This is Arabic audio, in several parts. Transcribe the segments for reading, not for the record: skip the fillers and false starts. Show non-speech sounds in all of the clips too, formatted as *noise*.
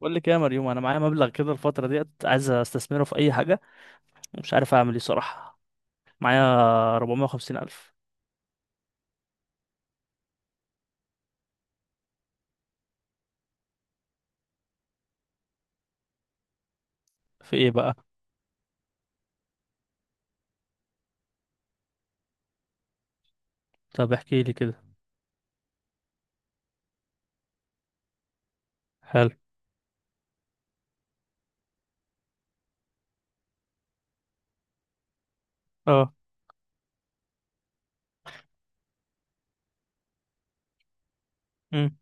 بقول لك ايه يا مريوم، انا معايا مبلغ كده الفتره ديت، عايز استثمره في اي حاجه. مش عارف اعمل ايه صراحه. معايا 450 الف. في ايه بقى؟ طب احكي لي كده. حلو. اه. امم.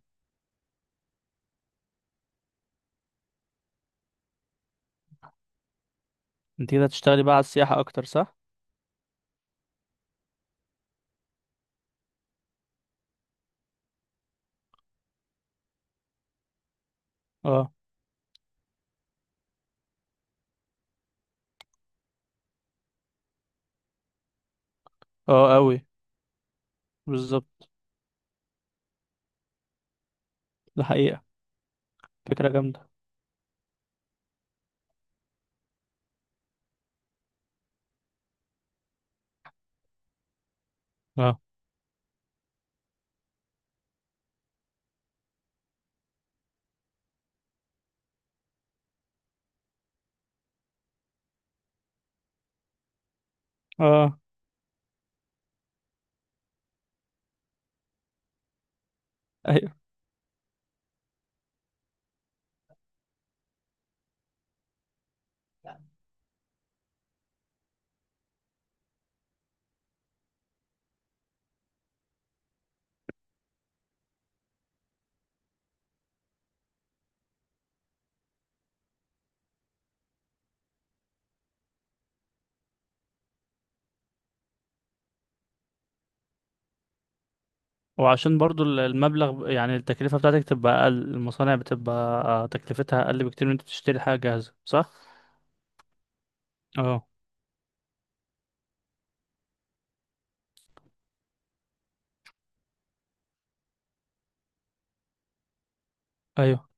انت كده هتشتغلي بقى على السياحه اكتر صح؟ اه. اه قوي. بالظبط. ده حقيقه. فكره جامده. اه. اه. ايوه. وعشان برضو المبلغ، يعني التكلفه بتاعتك تبقى اقل، المصانع بتبقى تكلفتها اقل بكتير من انت تشتري حاجه جاهزه صح؟ اه. ايوه.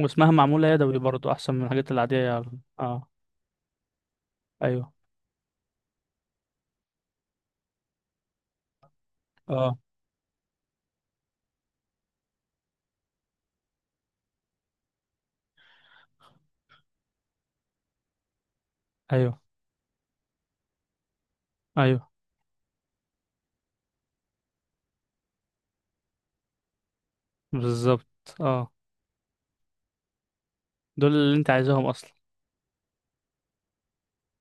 واسمها معموله يدوي برضو احسن من الحاجات العاديه يعني. اه. ايوه. اه. ايوه. ايوه بالظبط. اه. دول اللي انت عايزاهم اصلا.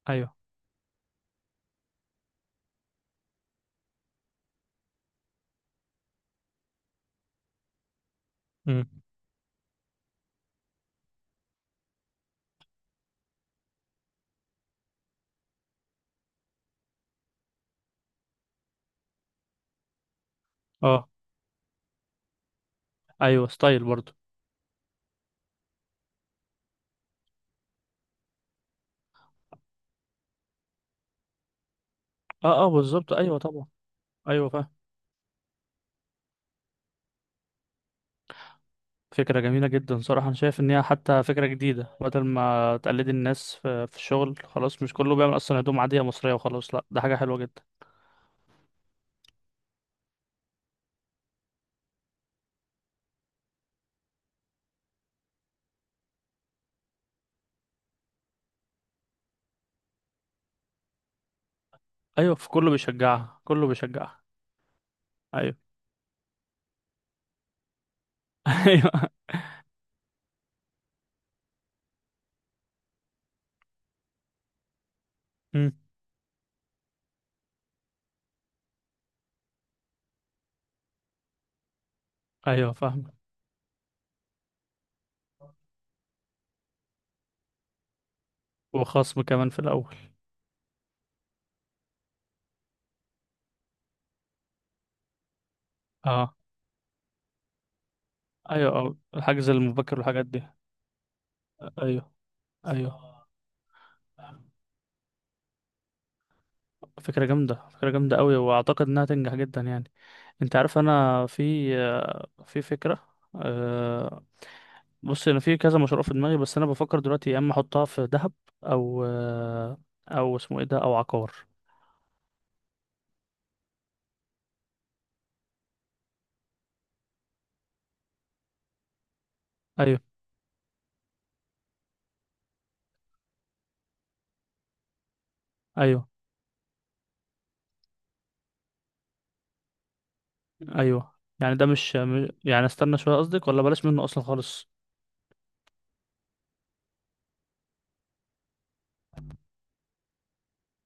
ايوه. امم. اه. ايوه، ستايل برضو. اه اه بالظبط، ايوه طبعا. ايوه فاهم. فكرة جميلة جدا صراحة، أنا شايف إن هي حتى فكرة جديدة. بدل ما تقلدي الناس في الشغل خلاص، مش كله بيعمل أصلا هدوم عادية مصرية وخلاص. لأ ده حاجة حلوة جدا. أيوة في كله بيشجعها، كله بيشجعها. أيوة. *laughs* أيوة. أمم. أيوة فاهم. وخصم كمان في الأول. أه. أيوة، أه الحجز المبكر والحاجات دي. أيوة. أيوة. فكرة جامدة، فكرة جامدة قوي، واعتقد انها تنجح جدا يعني. انت عارف انا في فكرة. أه. بص انا في كذا مشروع في دماغي، بس انا بفكر دلوقتي يا اما احطها في ذهب، او او اسمه ايه ده، او عقار. ايوه. ايوه. ايوه. يعني ده مش يعني استنى شوية قصدك، ولا بلاش منه اصلا خالص؟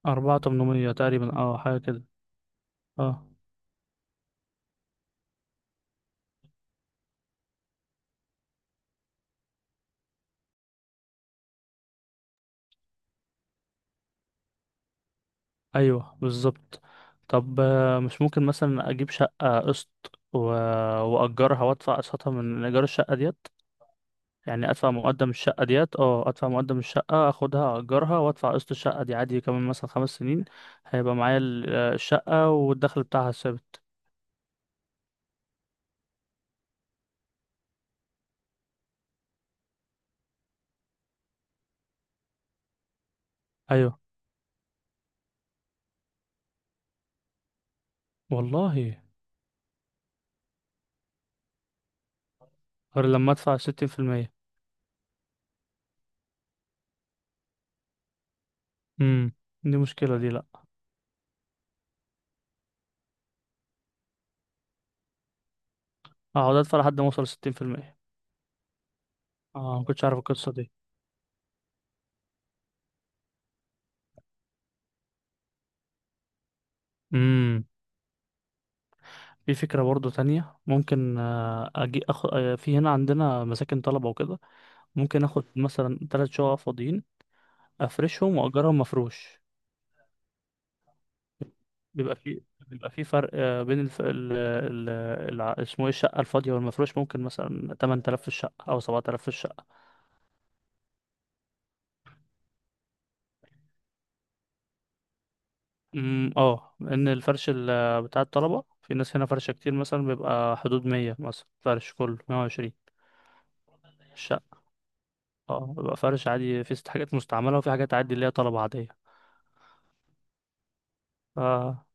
أربعة تمنمية تقريبا، اه حاجة كده. اه. ايوه بالظبط. طب مش ممكن مثلا اجيب شقة قسط و... واجرها وادفع قسطها من ايجار الشقة ديت؟ يعني ادفع مقدم الشقه ديت، اه ادفع مقدم الشقه اخدها اجرها وادفع قسط الشقه دي عادي كمان مثلا خمس سنين. هيبقى معايا الشقه والدخل بتاعها ثابت. ايوه. والله. غير لما ادفع ستين في المية. امم. دي مشكله دي، لا. اقعد ادفع لحد ما اوصل ستين في المية. اه، ما كنتش عارف القصه دي. امم. في فكره برضو تانية، ممكن اجي أخ... آه، في هنا عندنا مساكن طلبه وكده. ممكن اخد مثلا تلات شقق فاضيين، افرشهم واجرهم مفروش. بيبقى في بيبقى في فرق بين الف... ال... ال... الع- اسمه ايه، الشقة الفاضية والمفروش ممكن مثلا 8000 في الشقة أو 7000 في الشقة. امم. اه، لأن الفرش بتاع الطلبة في ناس هنا فرشة كتير، مثلا بيبقى حدود 100، مثلا فرش كله 120 الشقة. اه بيبقى فرش عادي في ست حاجات مستعملة، وفي حاجات عادي اللي هي طلبة عادية. اه.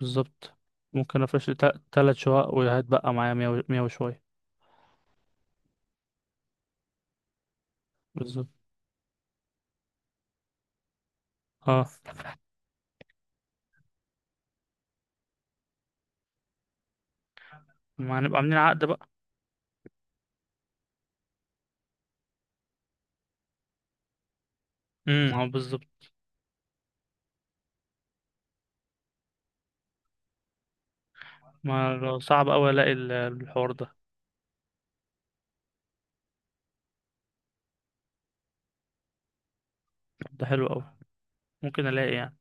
بالظبط. ممكن أفرش لي تلات شقق وهتبقى معايا 100 100 وشوية. بالظبط. اه، ما هنبقى عاملين عقد بقى. امم، اه بالظبط. ما لو صعب أوي ألاقي الحوار ده. طب ده حلو أوي، ممكن ألاقي يعني.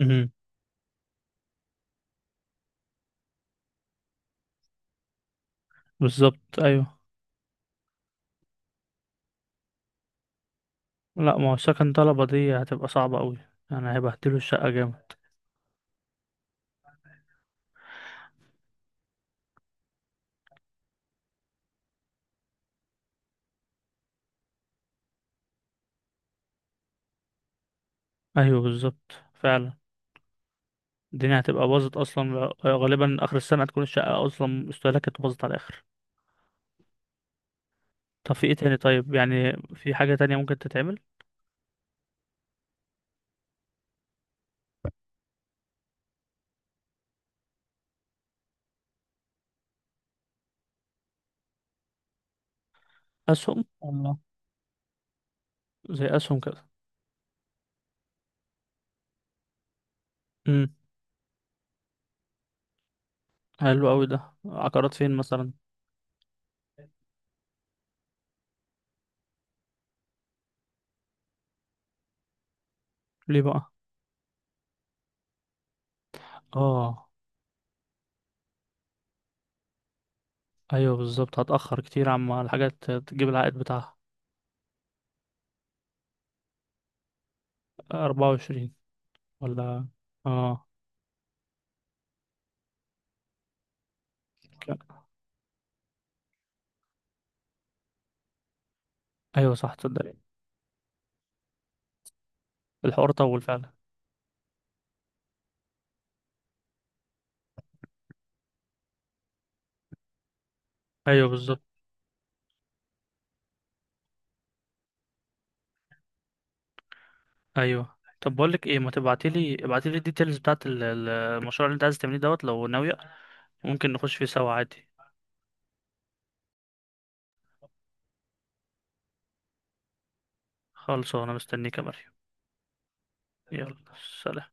امم. بالظبط أيوه. لا، ما هو سكن طلبة دي هتبقى صعبة أوي، يعني هيبهدلوا الشقة جامد. أيوه بالظبط فعلا. الدنيا هتبقى باظت أصلا، غالبا آخر السنة هتكون الشقة أصلا استهلاكت باظت على الآخر. طب في إيه تاني؟ طيب يعني في حاجة تانية ممكن تتعمل. أسهم، الله. زي أسهم كده. امم. حلو أوي ده، عقارات فين مثلا؟ ليه بقى؟ اه. ايوه بالظبط، هتأخر كتير عما الحاجات تجيب العائد بتاعها. أربعة وعشرين. ولا. اه. لا. أيوة صح، تصدق الحوار طول فعلا. أيوة بالظبط. أيوة. طب بقول لك ايه، ما تبعتيلي ابعتيلي الديتيلز بتاعت المشروع اللي انت عايز تعمليه دوت لو ناوية. ممكن نخش فيه سوا عادي. خالص انا مستنيك يا مريم. يلا. سلام.